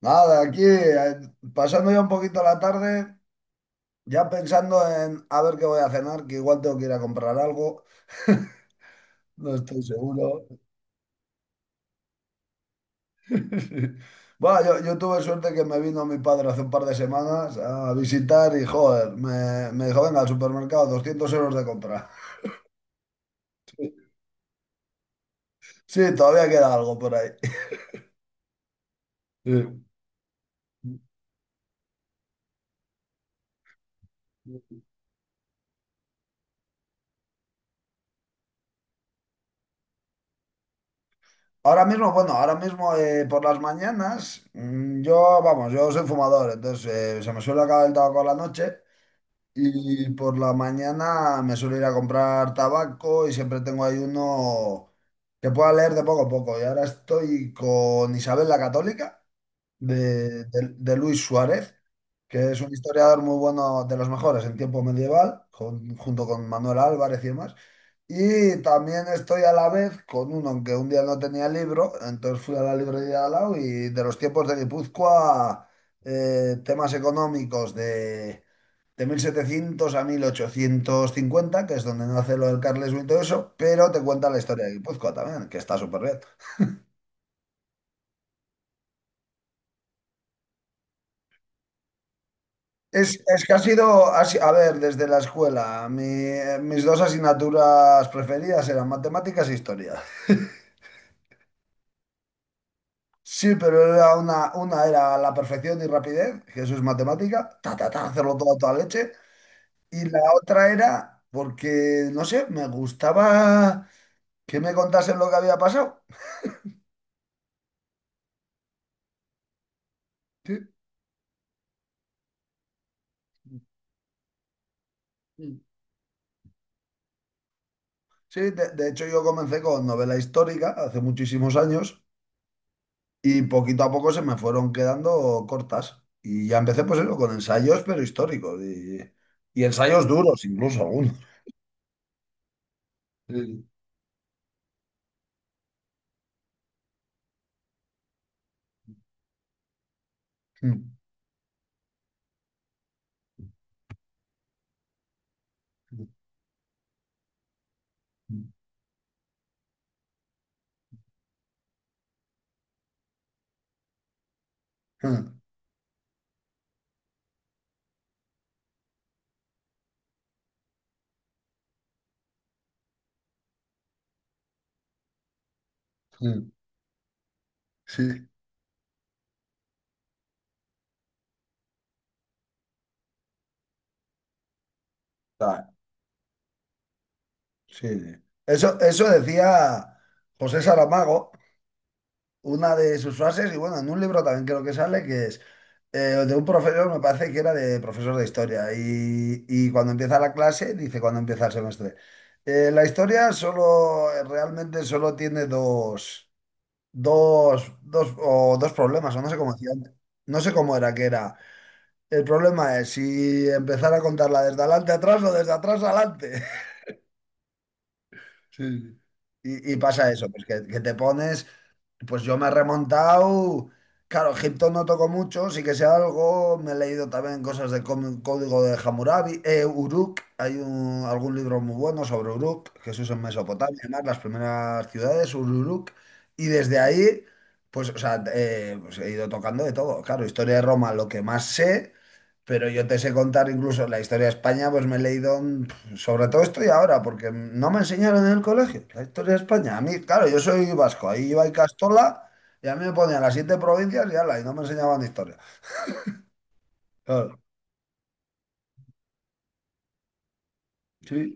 Nada, aquí pasando ya un poquito la tarde, ya pensando en a ver qué voy a cenar, que igual tengo que ir a comprar algo, no estoy seguro. Sí. Bueno, yo tuve suerte que me vino mi padre hace un par de semanas a visitar y, joder, me dijo, venga, al supermercado, 200 € de compra. Sí, todavía queda algo por ahí. Sí. Ahora mismo, bueno, ahora mismo por las mañanas, vamos, yo soy fumador, entonces se me suele acabar el tabaco a la noche. Y por la mañana me suelo ir a comprar tabaco y siempre tengo ahí uno que pueda leer de poco a poco. Y ahora estoy con Isabel la Católica de Luis Suárez, que es un historiador muy bueno, de los mejores en tiempo medieval, junto con Manuel Álvarez y demás. Y también estoy a la vez con uno, aunque un día no tenía libro, entonces fui a la librería de al lado y de los tiempos de Guipúzcoa, temas económicos de 1700 a 1850, que es donde nace lo del Carlismo y todo eso, pero te cuenta la historia de Guipúzcoa también, que está súper bien. Es que ha sido, ha si- a ver, desde la escuela, mis dos asignaturas preferidas eran matemáticas e historia. Sí, pero era una era la perfección y rapidez, que eso es matemática, ta, ta, ta, hacerlo todo a toda leche. Y la otra era porque, no sé, me gustaba que me contasen lo que había pasado. Sí. Sí, de hecho yo comencé con novela histórica hace muchísimos años y poquito a poco se me fueron quedando cortas. Y ya empecé pues eso, con ensayos, pero históricos y ensayos duros, incluso algunos. Sí, sí, sí. Ah, sí, sí. Eso decía José Saramago, una de sus frases, y bueno, en un libro también creo que sale, que es eh, de un profesor, me parece que era de profesor de historia, y cuando empieza la clase, dice cuando empieza el semestre, la historia solo, realmente solo tiene dos, o dos problemas, o no sé cómo decía antes. No sé cómo era que era. El problema es si empezar a contarla desde adelante atrás o desde atrás adelante. Sí. Sí. Y pasa eso, pues que te pones. Pues yo me he remontado. Claro, Egipto no toco mucho, sí que sé algo. Me he leído también cosas del código de Hammurabi. Uruk, hay algún libro muy bueno sobre Uruk, Jesús en Mesopotamia, además, las primeras ciudades, Uruk. Y desde ahí, pues, o sea, pues he ido tocando de todo. Claro, historia de Roma, lo que más sé, pero yo te sé contar incluso la historia de España, pues me he leído sobre todo estoy ahora, porque no me enseñaron en el colegio la historia de España. A mí, claro, yo soy vasco, ahí iba y Castola, y a mí me ponían las siete provincias y ala, y no me enseñaban historia. Claro, sí,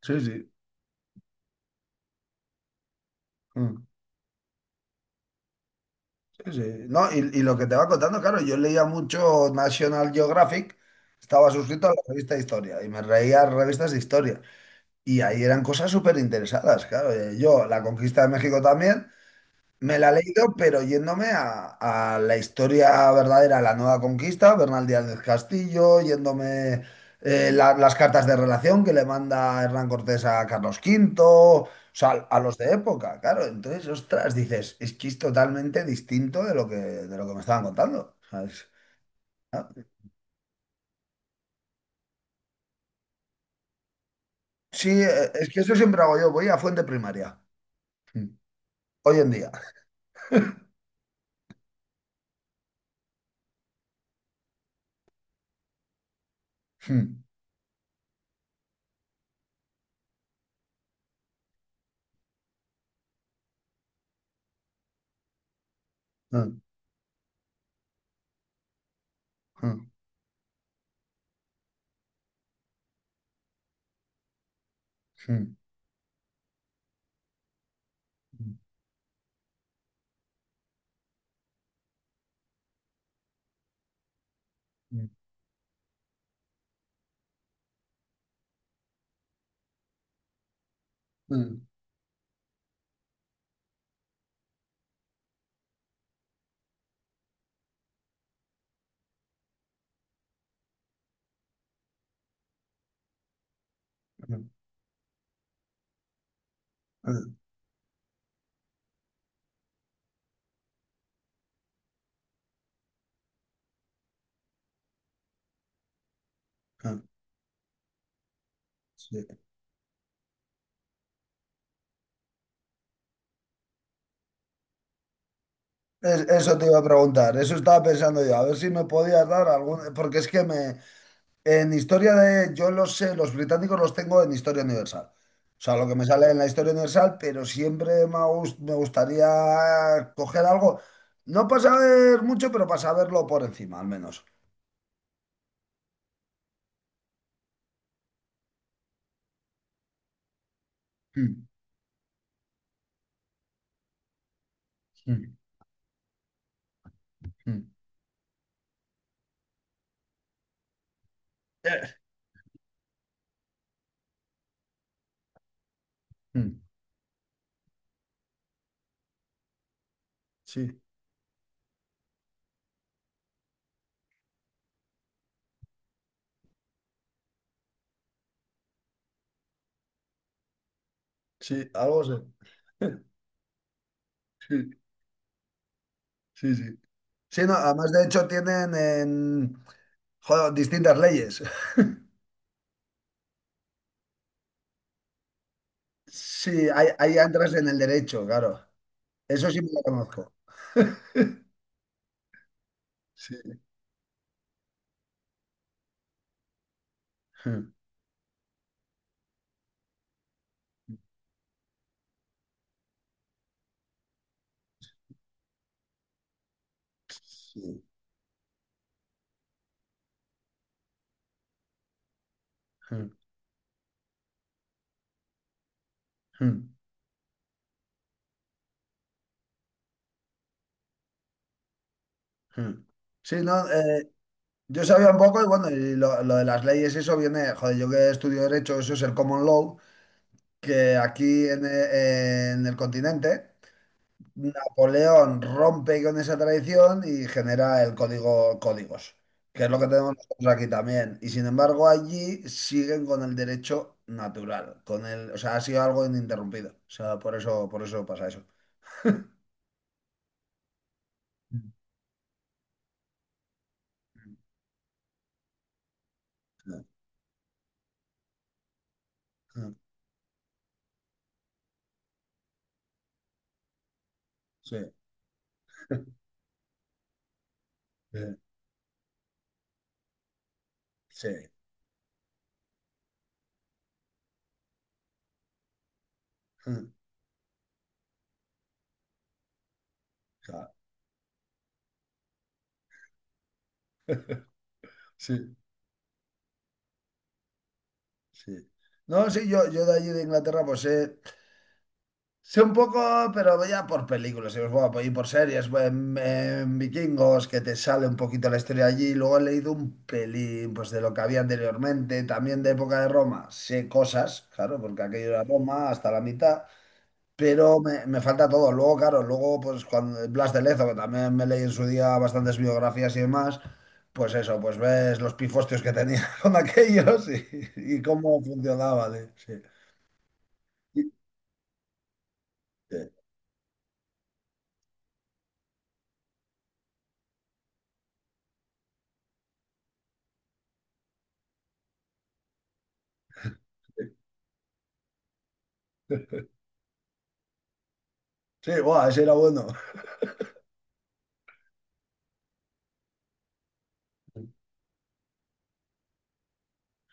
sí, sí. Mm, sí, sí. No, y lo que te va contando, claro, yo leía mucho National Geographic, estaba suscrito a la revista de historia, y me reía revistas de historia. Y ahí eran cosas súper interesadas, claro. Yo, la conquista de México también. Me la he leído, pero yéndome a la historia verdadera, la nueva conquista, Bernal Díaz del Castillo, yéndome las cartas de relación que le manda Hernán Cortés a Carlos V, o sea, a los de época, claro. Entonces, ostras, dices, es que es totalmente distinto de lo que me estaban contando, ¿sabes? Ah, sí, es que eso siempre hago yo, voy a fuente primaria. Mm. Hoy en día. Mm, mm, mm, mm, mm, mm, mm, mm, mm. Sí. Eso te iba a preguntar, eso estaba pensando yo, a ver si me podías dar algún, porque es que me, en historia de, yo los sé, los británicos los tengo en historia universal, o sea, lo que me sale en la historia universal, pero siempre me, me gustaría coger algo, no para saber mucho, pero para saberlo por encima, al menos. Mm, mm, mm. Eh, mm. Sí, sí, algo sé. Sí, sí, sí. Sí, no, además de hecho tienen en, joder, distintas leyes. Sí, ahí, ahí entras en el derecho, claro. Eso sí me lo conozco. Sí. Hmm. Sí. Hmm, hmm, hmm. Sí, no, yo sabía un poco y bueno, y lo de las leyes, eso viene, joder, yo que estudio derecho, eso es el common law, que aquí en el continente Napoleón rompe con esa tradición y genera el códigos, que es lo que tenemos nosotros aquí también. Y sin embargo, allí siguen con el derecho natural, con el, o sea, ha sido algo ininterrumpido. O sea, por eso pasa eso. Sí, sí, sí, sí, claro, sí, sí. No, sí, yo de allí de Inglaterra, pues sé. Sé un poco, pero ya por películas, y os voy a apoyar por series, voy en Vikingos, que te sale un poquito la historia allí. Luego he leído un pelín pues, de lo que había anteriormente, también de época de Roma. Sé cosas, claro, porque aquello era Roma hasta la mitad, pero me falta todo. Luego, claro, luego, pues cuando Blas de Lezo, que también me leí en su día bastantes biografías y demás, pues eso, pues ves los pifostios que tenía con aquellos y cómo funcionaba. Sí, sí, sí, sí, buah, ese era bueno.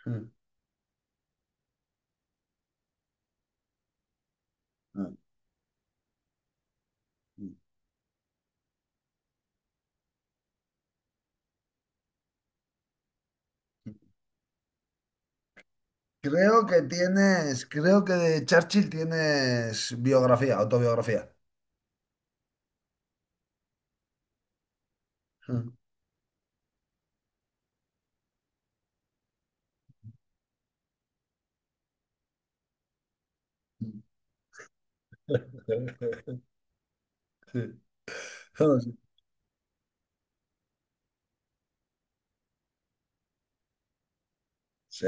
Mm, mm, mm. Creo que tienes, creo que de Churchill tienes biografía, autobiografía. Mm. Sí, sí. Sí.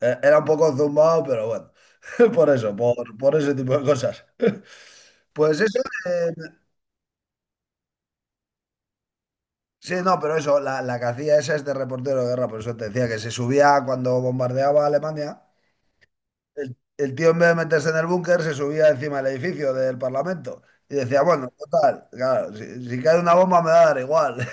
Era un poco zumbado, pero bueno, por eso, por ese tipo de cosas. Pues eso, eh, sí, no, pero eso, la que hacía esa es de reportero de guerra, por eso te decía que se subía cuando bombardeaba Alemania. El tío, en vez de meterse en el búnker, se subía encima del edificio del Parlamento y decía, bueno, total, claro, si cae una bomba me va a dar igual.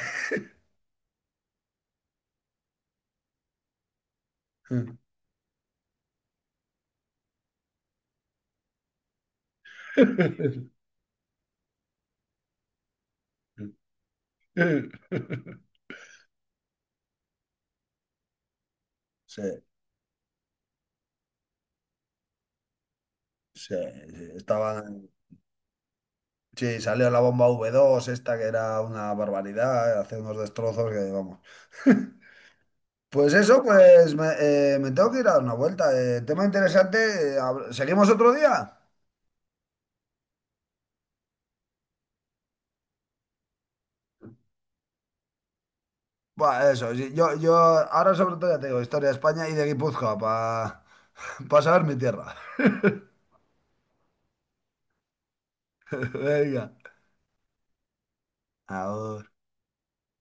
Sí, sí, sí, estaban... Sí, salió la bomba V-2 esta, que era una barbaridad, hace unos destrozos que vamos. Pues eso, pues me tengo que ir a dar una vuelta. Tema interesante. ¿Seguimos otro día? Buah, eso, sí, yo ahora sobre todo ya te digo, historia de España y de Guipúzcoa, para pasarme tierra. Venga. Ahora.